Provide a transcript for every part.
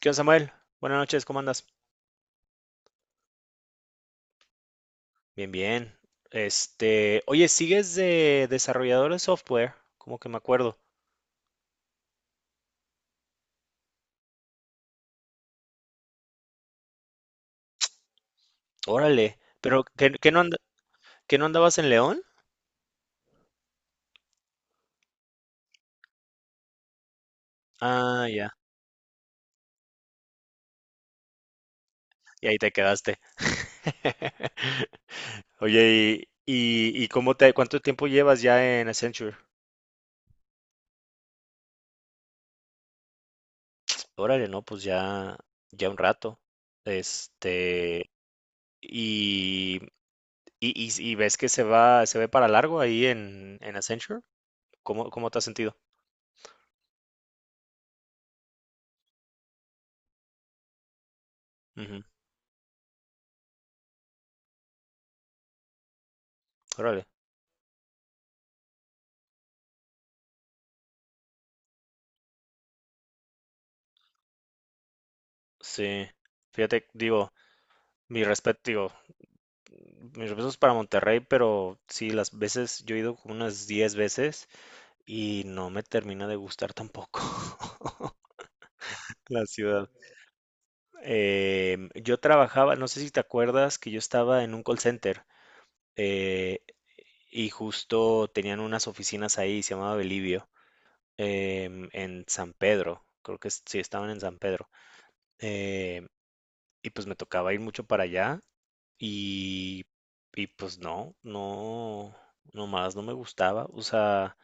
¿Qué onda, Samuel? Buenas noches, ¿cómo andas? Bien, bien. Oye, ¿sigues de desarrollador de software? Como que me acuerdo. Órale, pero ¿ qué no andabas en León? Ah, ya, y ahí te quedaste. Oye, ¿ cuánto tiempo llevas ya en Accenture? Órale, no, pues ya, ya un rato. Este, y, y ves que se va, se ve para largo ahí en Accenture. ¿Cómo, cómo te has sentido? Órale. Sí. Fíjate, digo, mi respeto, digo, mis respetos para Monterrey, pero sí, las veces, yo he ido como unas 10 veces y no me termina de gustar tampoco la ciudad. Yo trabajaba, no sé si te acuerdas, que yo estaba en un call center eh, y justo tenían unas oficinas ahí, se llamaba Belivio, en San Pedro, sí, estaban en San Pedro. em, y pues me tocaba ir mucho para allá. Y, y pues no, no, nomás no me gustaba. O sea,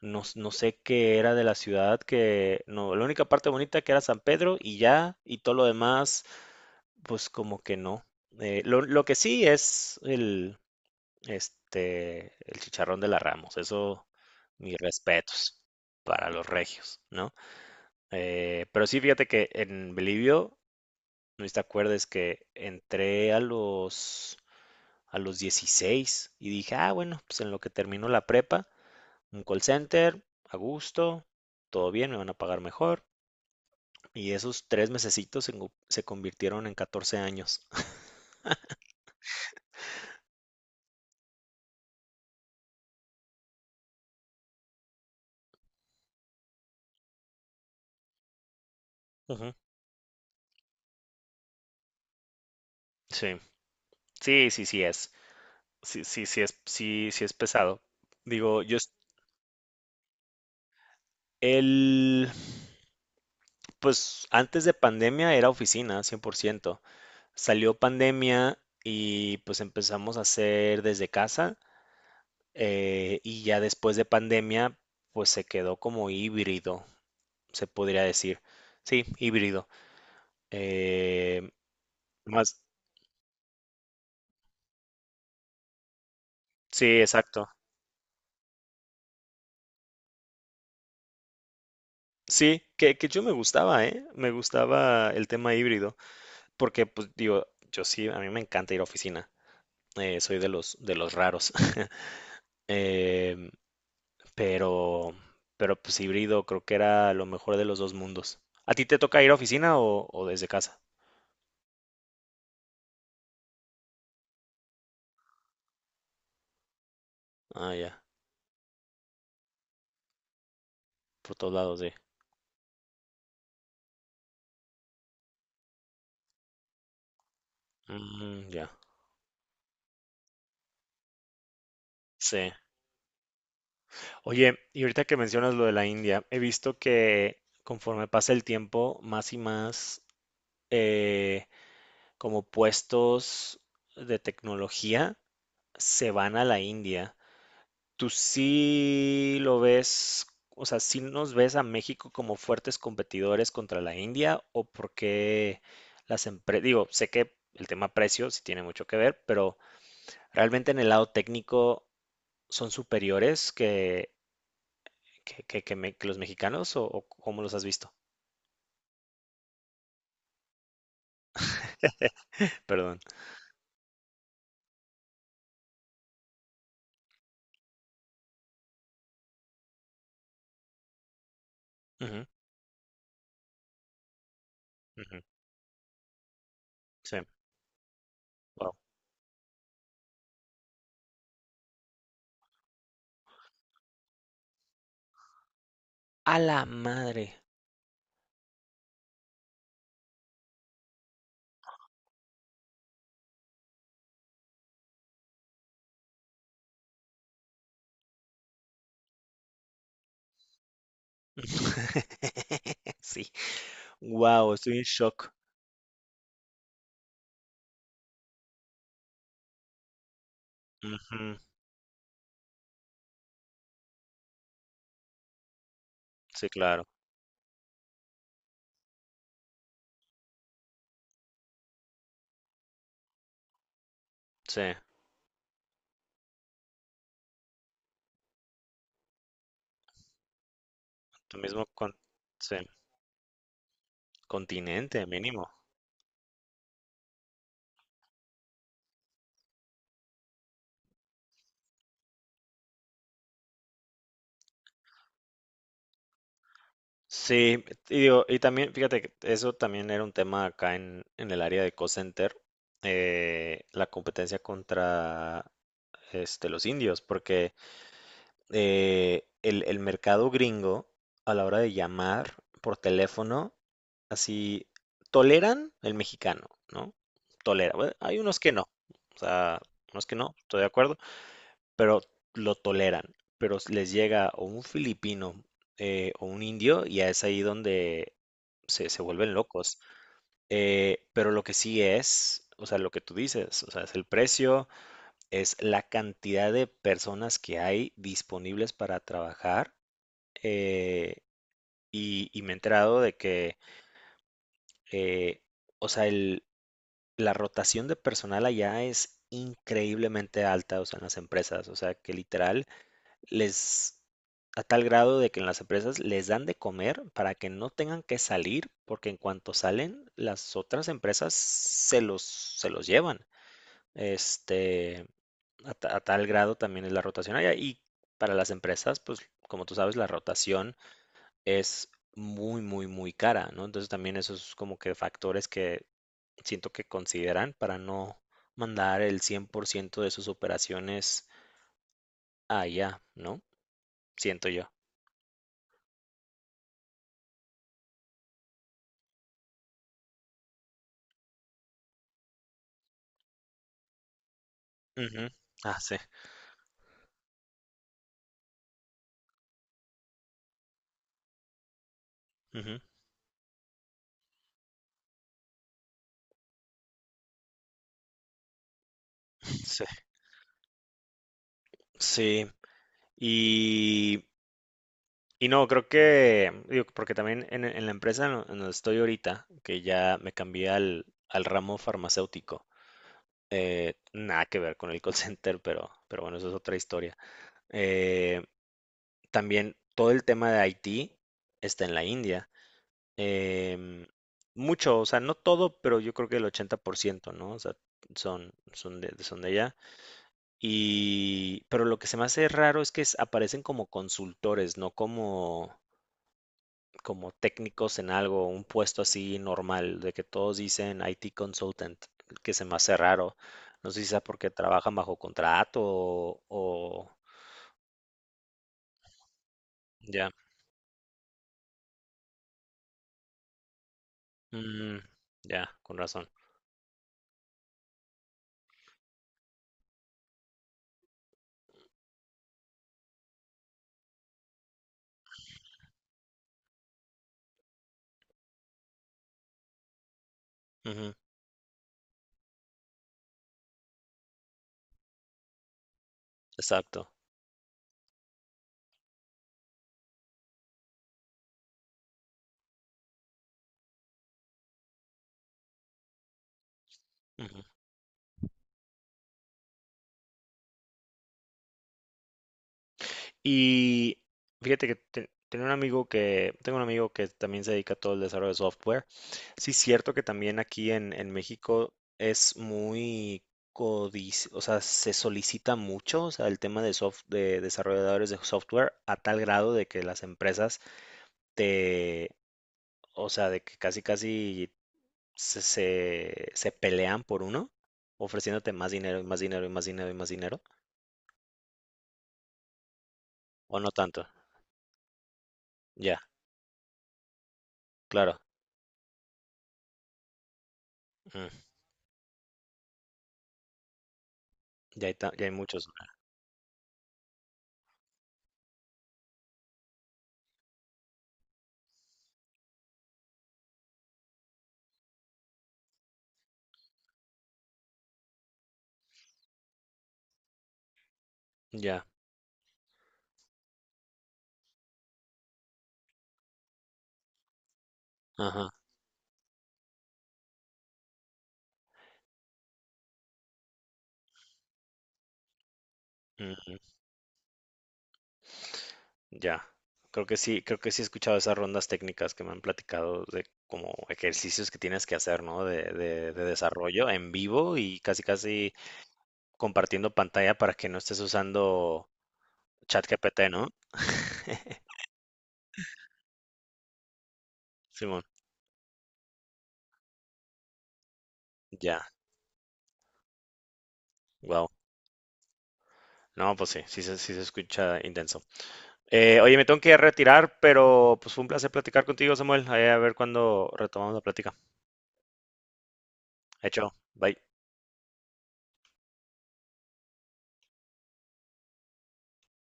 no sé qué era de la ciudad, que no, la única parte bonita que era San Pedro y ya, y todo lo demás, pues como que no. Lo que sí es el chicharrón de la Ramos, eso, mis respetos para los regios, ¿no? Pero sí, fíjate que en Bolivia no sé si te acuerdas que entré a los 16 y dije, ah, bueno, pues en lo que termino la prepa, un call center, a gusto, todo bien, me van a pagar mejor. Y esos 3 mesecitos se convirtieron en 14 años. Ujú. Sí, sí es. Sí, es, sí es pesado. Digo, yo, es- el, Pues antes de pandemia era oficina, 100%. Salió pandemia y pues empezamos a hacer desde casa, y ya después de pandemia pues se quedó como híbrido, se podría decir. Sí, híbrido. Eh, más, sí, exacto. Sí, que yo me gustaba, ¿eh? Me gustaba el tema híbrido porque pues digo, yo sí, a mí me encanta ir a oficina. Soy de los raros. Em, pero, pero pues híbrido creo que era lo mejor de los dos mundos. ¿A ti te toca ir a oficina o desde casa? Ah, ya, por todos lados, sí. Mm, ya, sí. Oye, y ahorita que mencionas lo de la India, he visto que conforme pasa el tiempo, más y más eh, como puestos de tecnología se van a la India. ¿Tú sí lo ves? O sea, ¿sí nos ves a México como fuertes competidores contra la India? O ¿por qué las empresas? Digo, sé que el tema precio sí tiene mucho que ver, pero realmente en el lado técnico son superiores que los mexicanos, o ¿cómo los has visto? Perdón. Ujú. Ujú, sí, wow. A la madre. Sí, wow, estoy en shock. Ujú. Sí, claro, sí. Tú mismo con, sí. Continente mínimo. Sí, y digo, y también, fíjate que eso también era un tema acá en el área de call center, la competencia contra los indios, porque el mercado gringo, a la hora de llamar por teléfono, así toleran el mexicano, ¿no? Tolera. Bueno, hay unos que no, o sea, unos que no, estoy de acuerdo. Pero lo toleran. Pero les llega o un filipino o un indio y es ahí donde se vuelven locos. Pero lo que sí es, o sea, lo que tú dices, o sea, es el precio, es la cantidad de personas que hay disponibles para trabajar. eh, y me he enterado de que, eh, o sea, la rotación de personal allá es increíblemente alta, o sea, en las empresas, o sea, que literal, Les a tal grado de que en las empresas les dan de comer para que no tengan que salir, porque en cuanto salen, las otras empresas se los llevan. Este, a tal grado también es la rotación allá. Y para las empresas, pues como tú sabes, la rotación es muy, muy, muy cara, ¿no? Entonces también esos como que factores que siento que consideran para no mandar el 100 por ciento de sus operaciones allá, ¿no? Siento yo. Ujú. Ah, sí. Ujú. Sí. Sí. Y, y no, creo que, digo, porque también en la empresa en donde estoy ahorita, que ya me cambié al ramo farmacéutico, nada que ver con el call center, pero bueno, eso es otra historia. Eh, también todo el tema de IT está en la India. Em, Mucho, o sea, no todo, pero yo creo que el 80%, ¿no? O sea, son, son de allá. Y, pero lo que se me hace raro es que aparecen como consultores, no como, como técnicos en algo, un puesto así normal, de que todos dicen IT consultant, que se me hace raro. No sé si sea porque trabajan bajo contrato o- ya. Mm, ya, con razón. Ujú, exacto. Ujú. Y fíjate que te- tenía un amigo que, tengo un amigo que también se dedica a todo el desarrollo de software. Sí, es cierto que también aquí en México es muy o sea, se solicita mucho, o sea, el tema de soft, de desarrolladores de software a tal grado de que las empresas te, o sea, de que casi casi se, se pelean por uno, ofreciéndote más dinero y más dinero y más dinero y más dinero, o no tanto. Ya, claro. Mm. Ya hay, ya hay muchos. Ya, ajá, ujú, ya. Creo que sí he escuchado esas rondas técnicas que me han platicado, de como ejercicios que tienes que hacer, ¿no? De desarrollo en vivo y casi casi compartiendo pantalla para que no estés usando ChatGPT, ¿no? Simón, ya, wow. No, pues sí, sí, sí se escucha intenso. Oye, me tengo que retirar, pero pues fue un placer platicar contigo, Samuel. Ahí a ver cuándo retomamos la plática. Hecho, bye.